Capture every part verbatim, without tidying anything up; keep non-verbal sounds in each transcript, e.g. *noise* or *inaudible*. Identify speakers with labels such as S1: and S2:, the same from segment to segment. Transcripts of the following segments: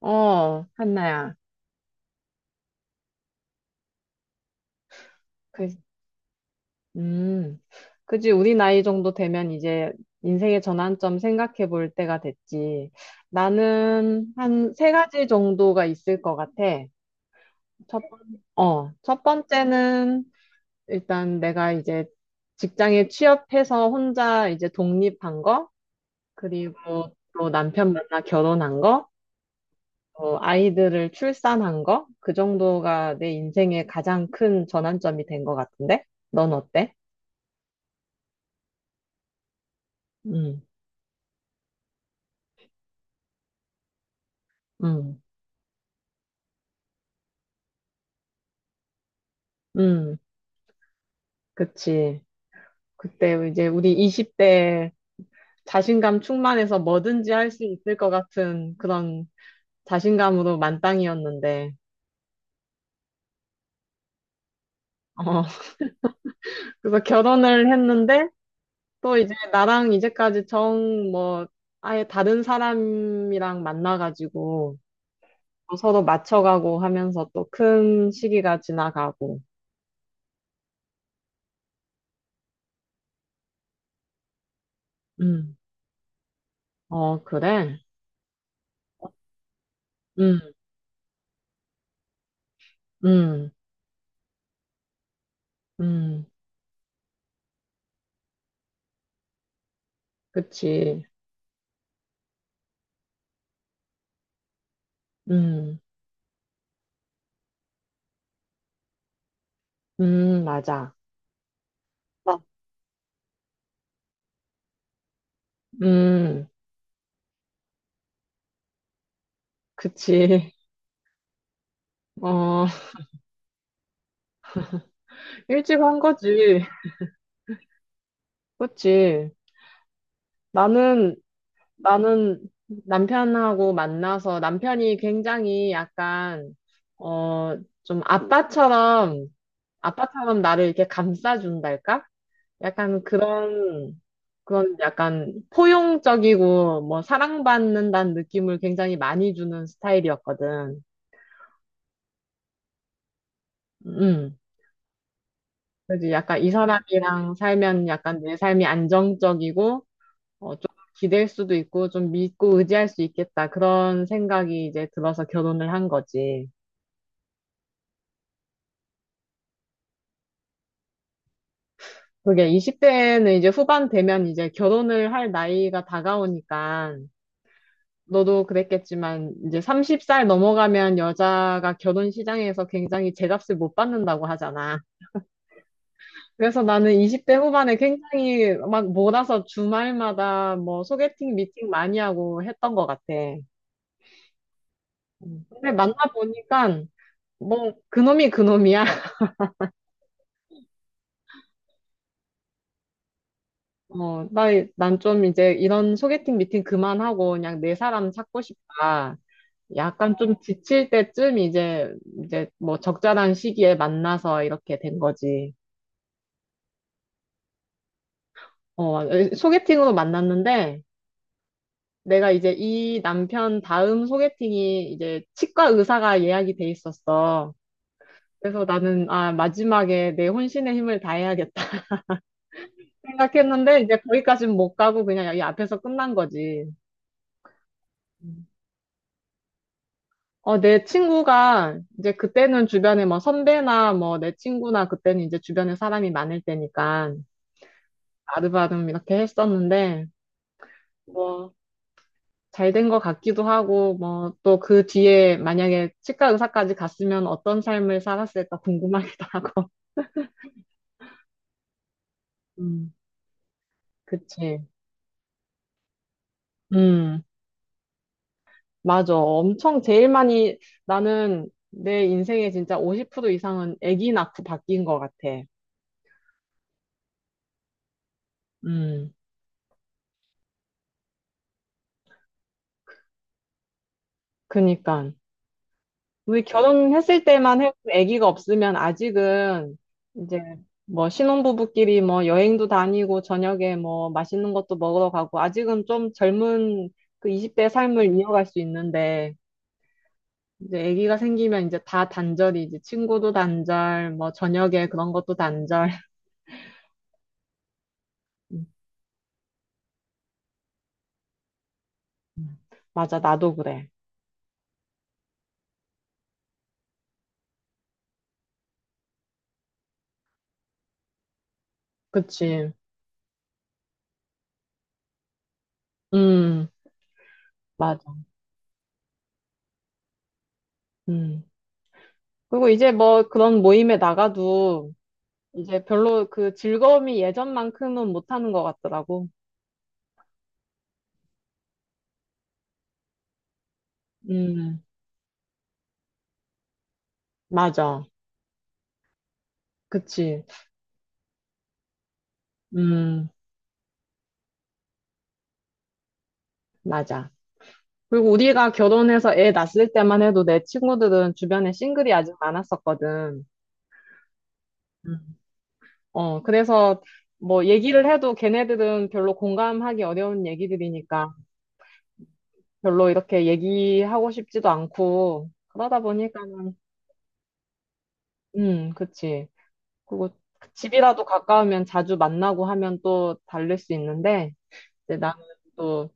S1: 어, 한나야. 그, 음, 그지. 우리 나이 정도 되면 이제 인생의 전환점 생각해 볼 때가 됐지. 나는 한 세 가지 정도가 있을 것 같아. 첫, 번- 어, 첫 번째는 일단 내가 이제 직장에 취업해서 혼자 이제 독립한 거, 그리고 또 남편 만나 결혼한 거, 또 아이들을 출산한 거, 그 정도가 내 인생의 가장 큰 전환점이 된 것 같은데? 넌 어때? 음, 음, 음, 그치. 그때 이제 우리 이십 대 자신감 충만해서 뭐든지 할 수 있을 것 같은 그런 자신감으로 만땅이었는데, 어, *laughs* 그래서 결혼을 했는데, 또 이제 나랑 이제까지 정, 뭐, 아예 다른 사람이랑 만나가지고, 또 서로 맞춰가고 하면서 또 큰 시기가 지나가고, 음, 어, 그래? 음, 음, 음, 그치. 음, 음, 맞아. 아, 음, 그치. 어, 일찍 한 거지. 그치. 나는, 나는 남편하고 만나서 남편이 굉장히 약간, 어, 좀 아빠처럼, 아빠처럼 나를 이렇게 감싸준달까? 약간 그런, 그런 약간 포용적이고, 뭐, 사랑받는다는 느낌을 굉장히 많이 주는 스타일이었거든. 음. 그지. 약간 이 사람이랑 살면 약간 내 삶이 안정적이고, 어, 좀 기댈 수도 있고, 좀 믿고 의지할 수 있겠다. 그런 생각이 이제 들어서 결혼을 한 거지. 그게 이십 대는 이제 후반 되면 이제 결혼을 할 나이가 다가오니까, 너도 그랬겠지만, 이제 서른 살 넘어가면 여자가 결혼 시장에서 굉장히 제값을 못 받는다고 하잖아. 그래서 나는 이십 대 후반에 굉장히 막 몰아서 주말마다 뭐 소개팅, 미팅 많이 하고 했던 것 같아. 근데 만나보니까, 뭐, 그놈이 그놈이야. 어, 나, 난 좀 이제 이런 소개팅 미팅 그만하고 그냥 내 사람 찾고 싶다. 약간 좀 지칠 때쯤 이제, 이제 뭐 적절한 시기에 만나서 이렇게 된 거지. 어, 소개팅으로 만났는데 내가 이제 이 남편 다음 소개팅이 이제 치과 의사가 예약이 돼 있었어. 그래서 나는, 아, 마지막에 내 혼신의 힘을 다해야겠다 *laughs* 생각했는데 이제 거기까지는 못 가고 그냥 여기 앞에서 끝난 거지. 어, 내 친구가 이제 그때는 주변에 뭐 선배나 뭐 내 친구나 그때는 이제 주변에 사람이 많을 때니까 아르바름 이렇게 했었는데 뭐 잘 된 것 같기도 하고 뭐 또 그 뒤에 만약에 치과 의사까지 갔으면 어떤 삶을 살았을까 궁금하기도 *laughs* 하고. 음, 그치. 음, 맞아. 엄청 제일 많이 나는 내 인생에 진짜 오십 퍼센트 이상은 아기 낳고 바뀐 것 같아. 음, 그니까. 우리 결혼했을 때만 해, 아기가 없으면 아직은 이제 뭐 신혼부부끼리 뭐 여행도 다니고 저녁에 뭐 맛있는 것도 먹으러 가고 아직은 좀 젊은 그 이십 대 삶을 이어갈 수 있는데 이제 아기가 생기면 이제 다 단절이 지 친구도 단절 뭐 저녁에 그런 것도 단절 *laughs* 음, 음. 맞아 나도 그래 그치 음 맞아 음 그리고 이제 뭐 그런 모임에 나가도 이제 별로 그 즐거움이 예전만큼은 못하는 것 같더라고. 음, 맞아. 그치. 음, 맞아. 그리고 우리가 결혼해서 애 낳았을 때만 해도 내 친구들은 주변에 싱글이 아직 많았었거든. 음. 어, 그래서 뭐 얘기를 해도 걔네들은 별로 공감하기 어려운 얘기들이니까 별로 이렇게 얘기하고 싶지도 않고 그러다 보니까는, 음, 그치. 그리고 집이라도 가까우면 자주 만나고 하면 또 다를 수 있는데 이제 나는 또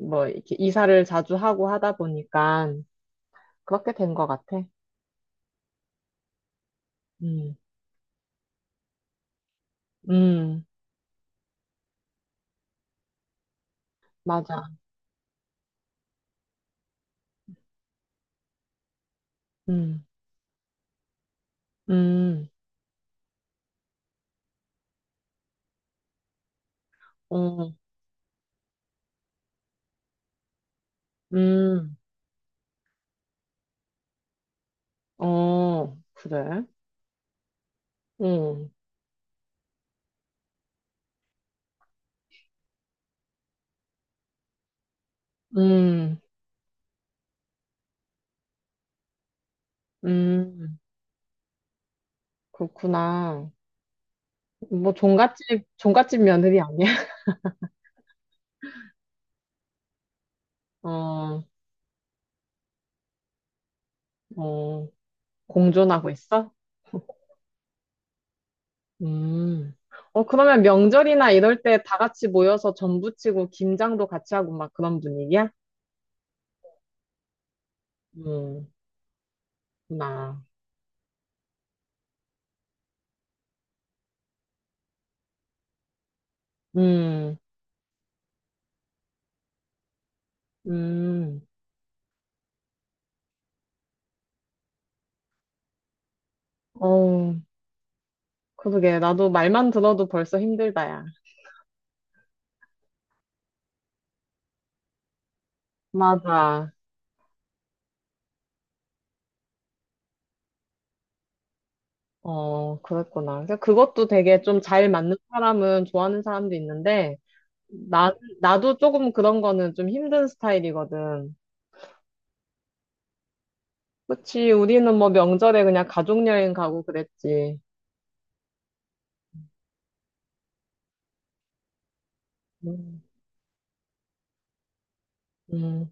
S1: 뭐 이렇게 이사를 자주 하고 하다 보니까 그렇게 된 것 같아. 음, 음, 맞아. 음, 음, 어, 음, 어, 그래. 음, 음, 음, 그렇구나. 뭐 종갓집, 종갓집 며느리 아니야? *laughs* 어, 어, 공존하고 있어? 음. 어, 그러면 명절이나 이럴 때 다 같이 모여서 전부치고 김장도 같이 하고 막 그런 분위기야? 음, 나. 음, 음, 어, 그러게. 나도 말만 들어도 벌써 힘들다, 야. 맞아. 어, 그랬구나. 그래서 그것도 되게 좀 잘 맞는 사람은 좋아하는 사람도 있는데, 나, 나도 조금 그런 거는 좀 힘든 스타일이거든. 그치, 우리는 뭐 명절에 그냥 가족여행 가고 그랬지. 음, 음,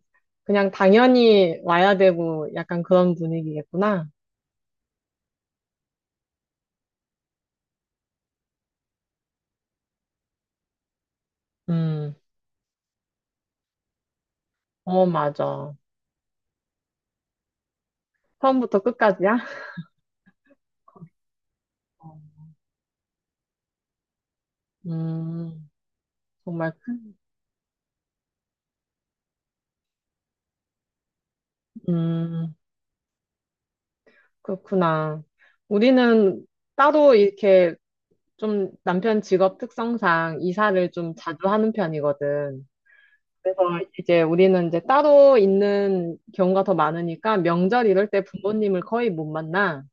S1: 그냥 당연히 와야 되고 약간 그런 분위기겠구나. 음, 어, 맞아. 처음부터 끝까지야? 음, 정말 음, 그렇구나. 우리는 따로 이렇게 좀 남편 직업 특성상 이사를 좀 자주 하는 편이거든. 그래서 이제 우리는 이제 따로 있는 경우가 더 많으니까 명절 이럴 때 부모님을 거의 못 만나.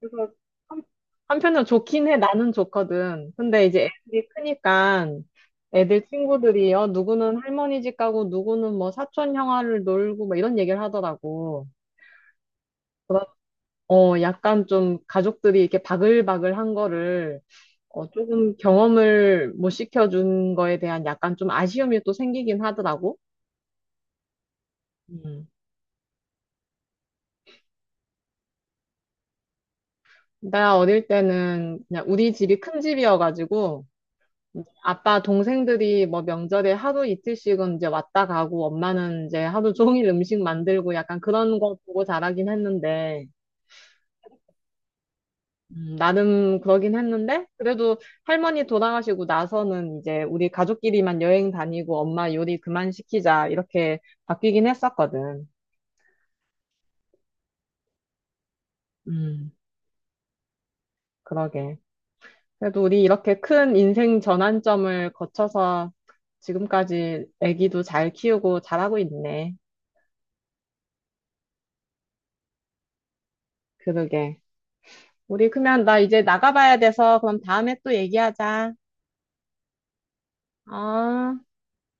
S1: 그래서 한- 한편으로 좋긴 해. 나는 좋거든. 근데 이제 애들이 크니까 애들 친구들이 어, 누구는 할머니 집 가고 누구는 뭐 사촌 형아를 놀고 막 이런 얘기를 하더라고. 어, 약간 좀 가족들이 이렇게 바글바글한 거를 어, 조금 경험을 못 시켜준 거에 대한 약간 좀 아쉬움이 또 생기긴 하더라고. 음. 나 어릴 때는 그냥 우리 집이 큰 집이어가지고 아빠 동생들이 뭐 명절에 하루 이틀씩은 이제 왔다 가고 엄마는 이제 하루 종일 음식 만들고 약간 그런 거 보고 자라긴 했는데 음, 나름 그러긴 했는데, 그래도 할머니 돌아가시고 나서는 이제 우리 가족끼리만 여행 다니고 엄마 요리 그만 시키자, 이렇게 바뀌긴 했었거든. 음, 그러게. 그래도 우리 이렇게 큰 인생 전환점을 거쳐서 지금까지 아기도 잘 키우고 잘하고 있네. 그러게. 우리 그러면 나 이제 나가봐야 돼서 그럼 다음에 또 얘기하자. 아.